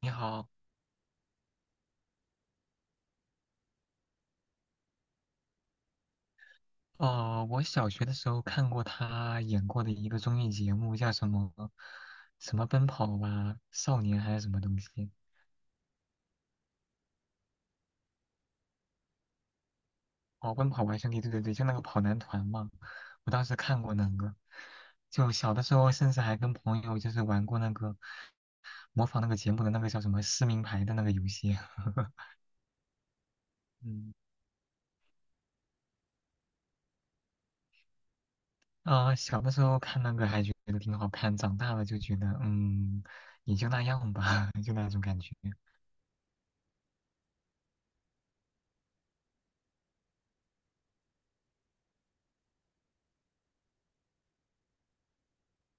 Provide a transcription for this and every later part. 你好。我小学的时候看过他演过的一个综艺节目，叫什么奔跑吧少年还是什么东西？哦，奔跑吧兄弟，对对对，就那个跑男团嘛。我当时看过那个，就小的时候甚至还跟朋友就是玩过那个模仿那个节目的那个叫什么撕名牌的那个游戏。嗯。啊、小的时候看那个还觉得挺好看，长大了就觉得也就那样吧，就那种感觉。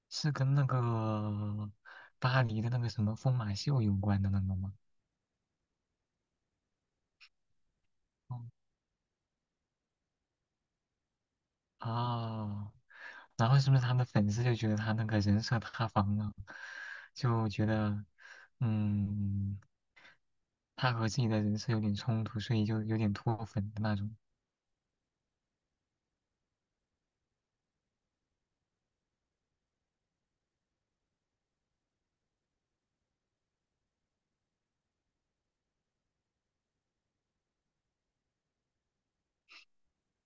是跟那个巴黎的那个什么疯马秀有关的那个吗？哦，哦然后是不是他的粉丝就觉得他那个人设塌房了，就觉得，嗯，他和自己的人设有点冲突，所以就有点脱粉的那种。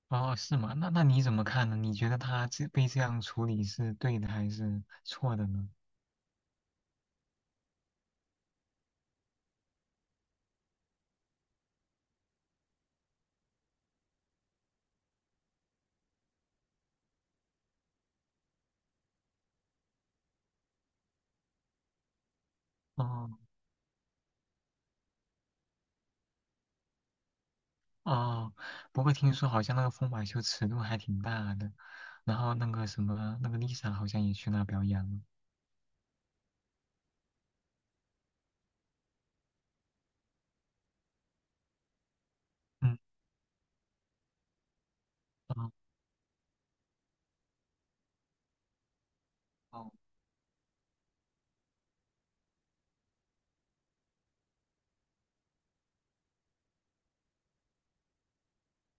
哦，是吗？那那你怎么看呢？你觉得他这被这样处理是对的还是错的呢？哦。哦，不过听说好像那个疯马秀尺度还挺大的，然后那个什么，那个 Lisa 好像也去那表演了。嗯。哦哦，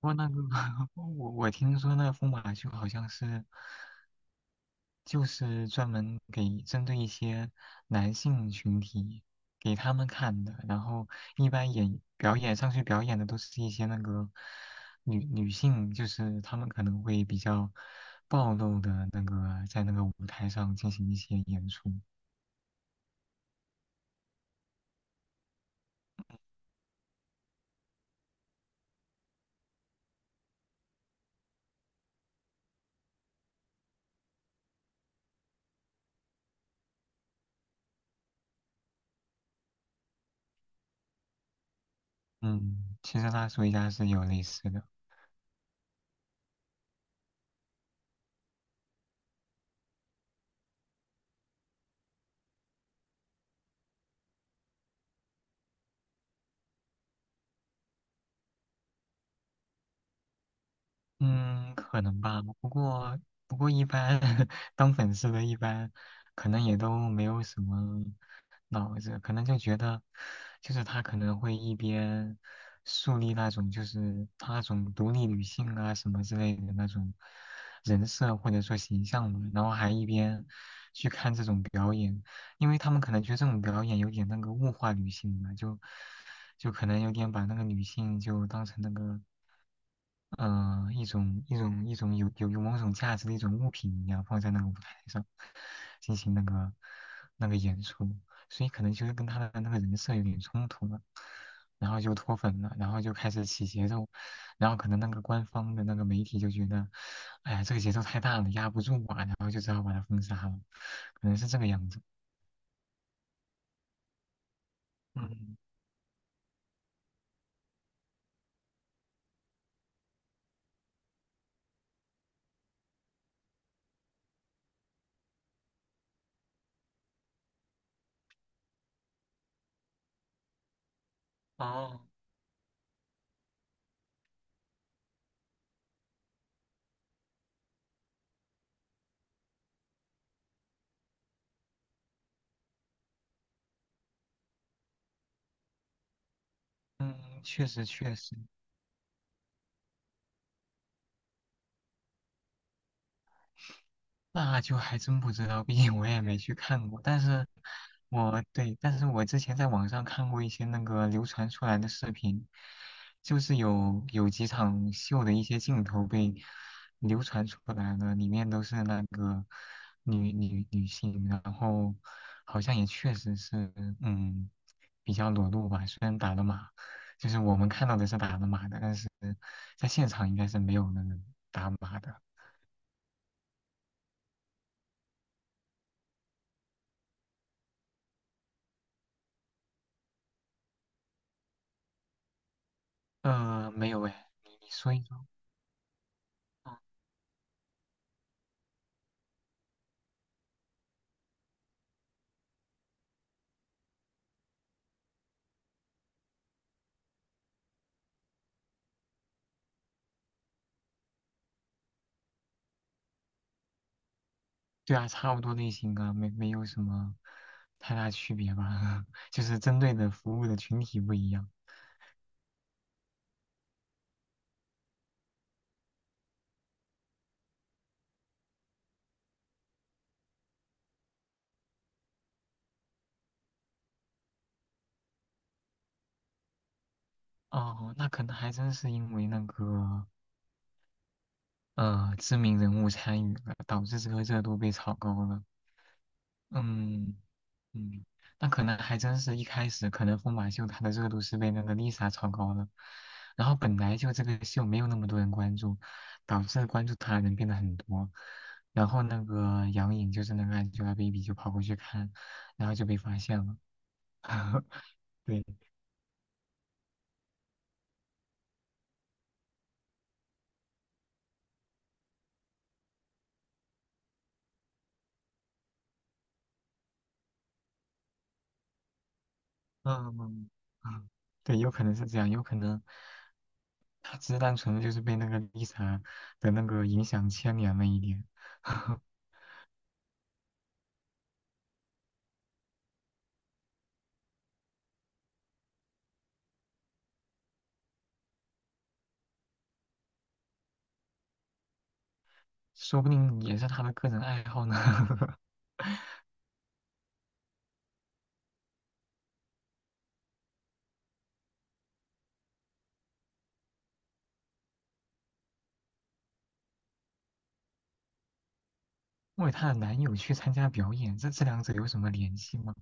不过那个 我我听说那个疯马秀好像是就是专门给针对一些男性群体给他们看的，然后一般演表演上去表演的都是一些那个女性，就是他们可能会比较暴露的那个在那个舞台上进行一些演出。嗯，其实拉斯维加斯也有类似的。嗯，可能吧。不过一般 当粉丝的，一般可能也都没有什么脑子，可能就觉得，就是他可能会一边树立那种就是他那种独立女性啊什么之类的那种人设或者说形象嘛，然后还一边去看这种表演，因为他们可能觉得这种表演有点那个物化女性嘛，就可能有点把那个女性就当成那个。一种有某种价值的一种物品一样放在那个舞台上进行那个演出，所以可能就是跟他的那个人设有点冲突了，然后就脱粉了，然后就开始起节奏，然后可能那个官方的那个媒体就觉得，哎呀这个节奏太大了，压不住啊，然后就只好把他封杀了，可能是这个样子。嗯。哦。嗯，确实确实。那就还真不知道，毕竟我也没去看过。但是对，但是我之前在网上看过一些那个流传出来的视频，就是有几场秀的一些镜头被流传出来了，里面都是那个女性，然后好像也确实是，嗯，比较裸露吧。虽然打了码，就是我们看到的是打了码的，但是在现场应该是没有那个打码的。没有哎，你说一说。嗯，对啊，差不多类型啊，没有什么太大区别吧，就是针对的服务的群体不一样。哦，那可能还真是因为那个知名人物参与了，导致这个热度被炒高了。嗯，嗯，那可能还真是一开始，可能疯马秀它的热度是被那个 Lisa 炒高的，然后本来就这个秀没有那么多人关注，导致关注它的人变得很多，然后那个杨颖就是那个 Angelababy 就跑过去看，然后就被发现了。对。嗯嗯，对，有可能是这样，有可能他只是单纯的就是被那个 Lisa 的那个影响牵连了一点。说不定也是他的个人爱好呢。为她的男友去参加表演，这这两者有什么联系吗？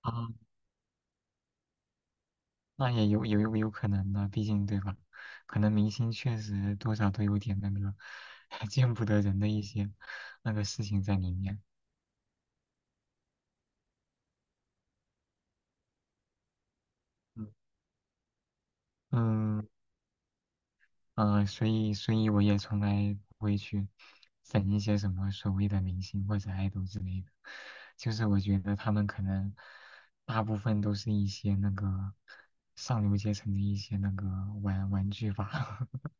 啊，那也有可能的，毕竟对吧？可能明星确实多少都有点那个 见不得人的一些那个事情在里面。嗯嗯所以我也从来不会去整一些什么所谓的明星或者爱豆之类的，就是我觉得他们可能大部分都是一些那个上流阶层的一些那个玩玩具吧。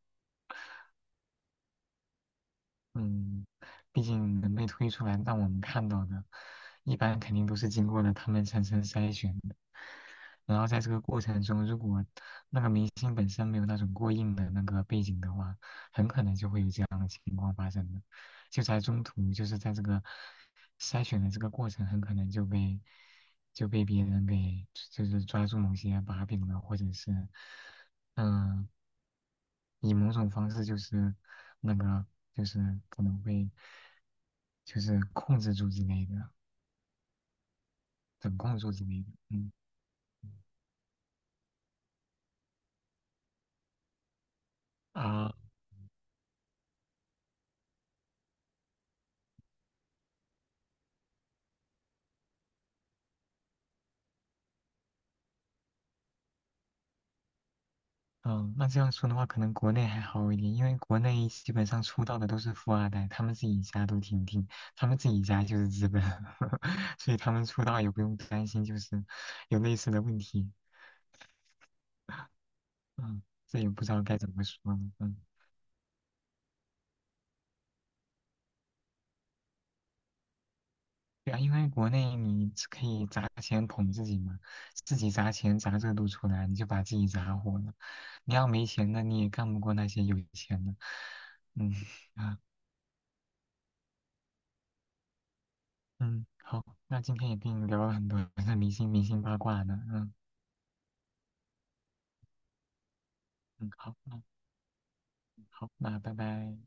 嗯，毕竟能被推出来让我们看到的，一般肯定都是经过了他们层层筛选的。然后在这个过程中，如果那个明星本身没有那种过硬的那个背景的话，很可能就会有这样的情况发生的。就在中途，就是在这个筛选的这个过程，很可能就被别人给就是抓住某些把柄了，或者是嗯、呃以某种方式就是那个就是可能会。就是控制住之类的，掌控住之类的。嗯啊，嗯，那这样说的话，可能国内还好一点，因为国内基本上出道的都是富二代，他们自己家都挺挺，他们自己家就是资本，所以他们出道也不用担心就是有类似的问题。嗯，这也不知道该怎么说呢。嗯对啊，因为国内你只可以砸钱捧自己嘛，自己砸钱砸热度出来，你就把自己砸火了。你要没钱的，你也干不过那些有钱的。嗯啊嗯，好，那今天也跟你聊了很多 明星八卦呢。嗯嗯，好，好，那拜拜。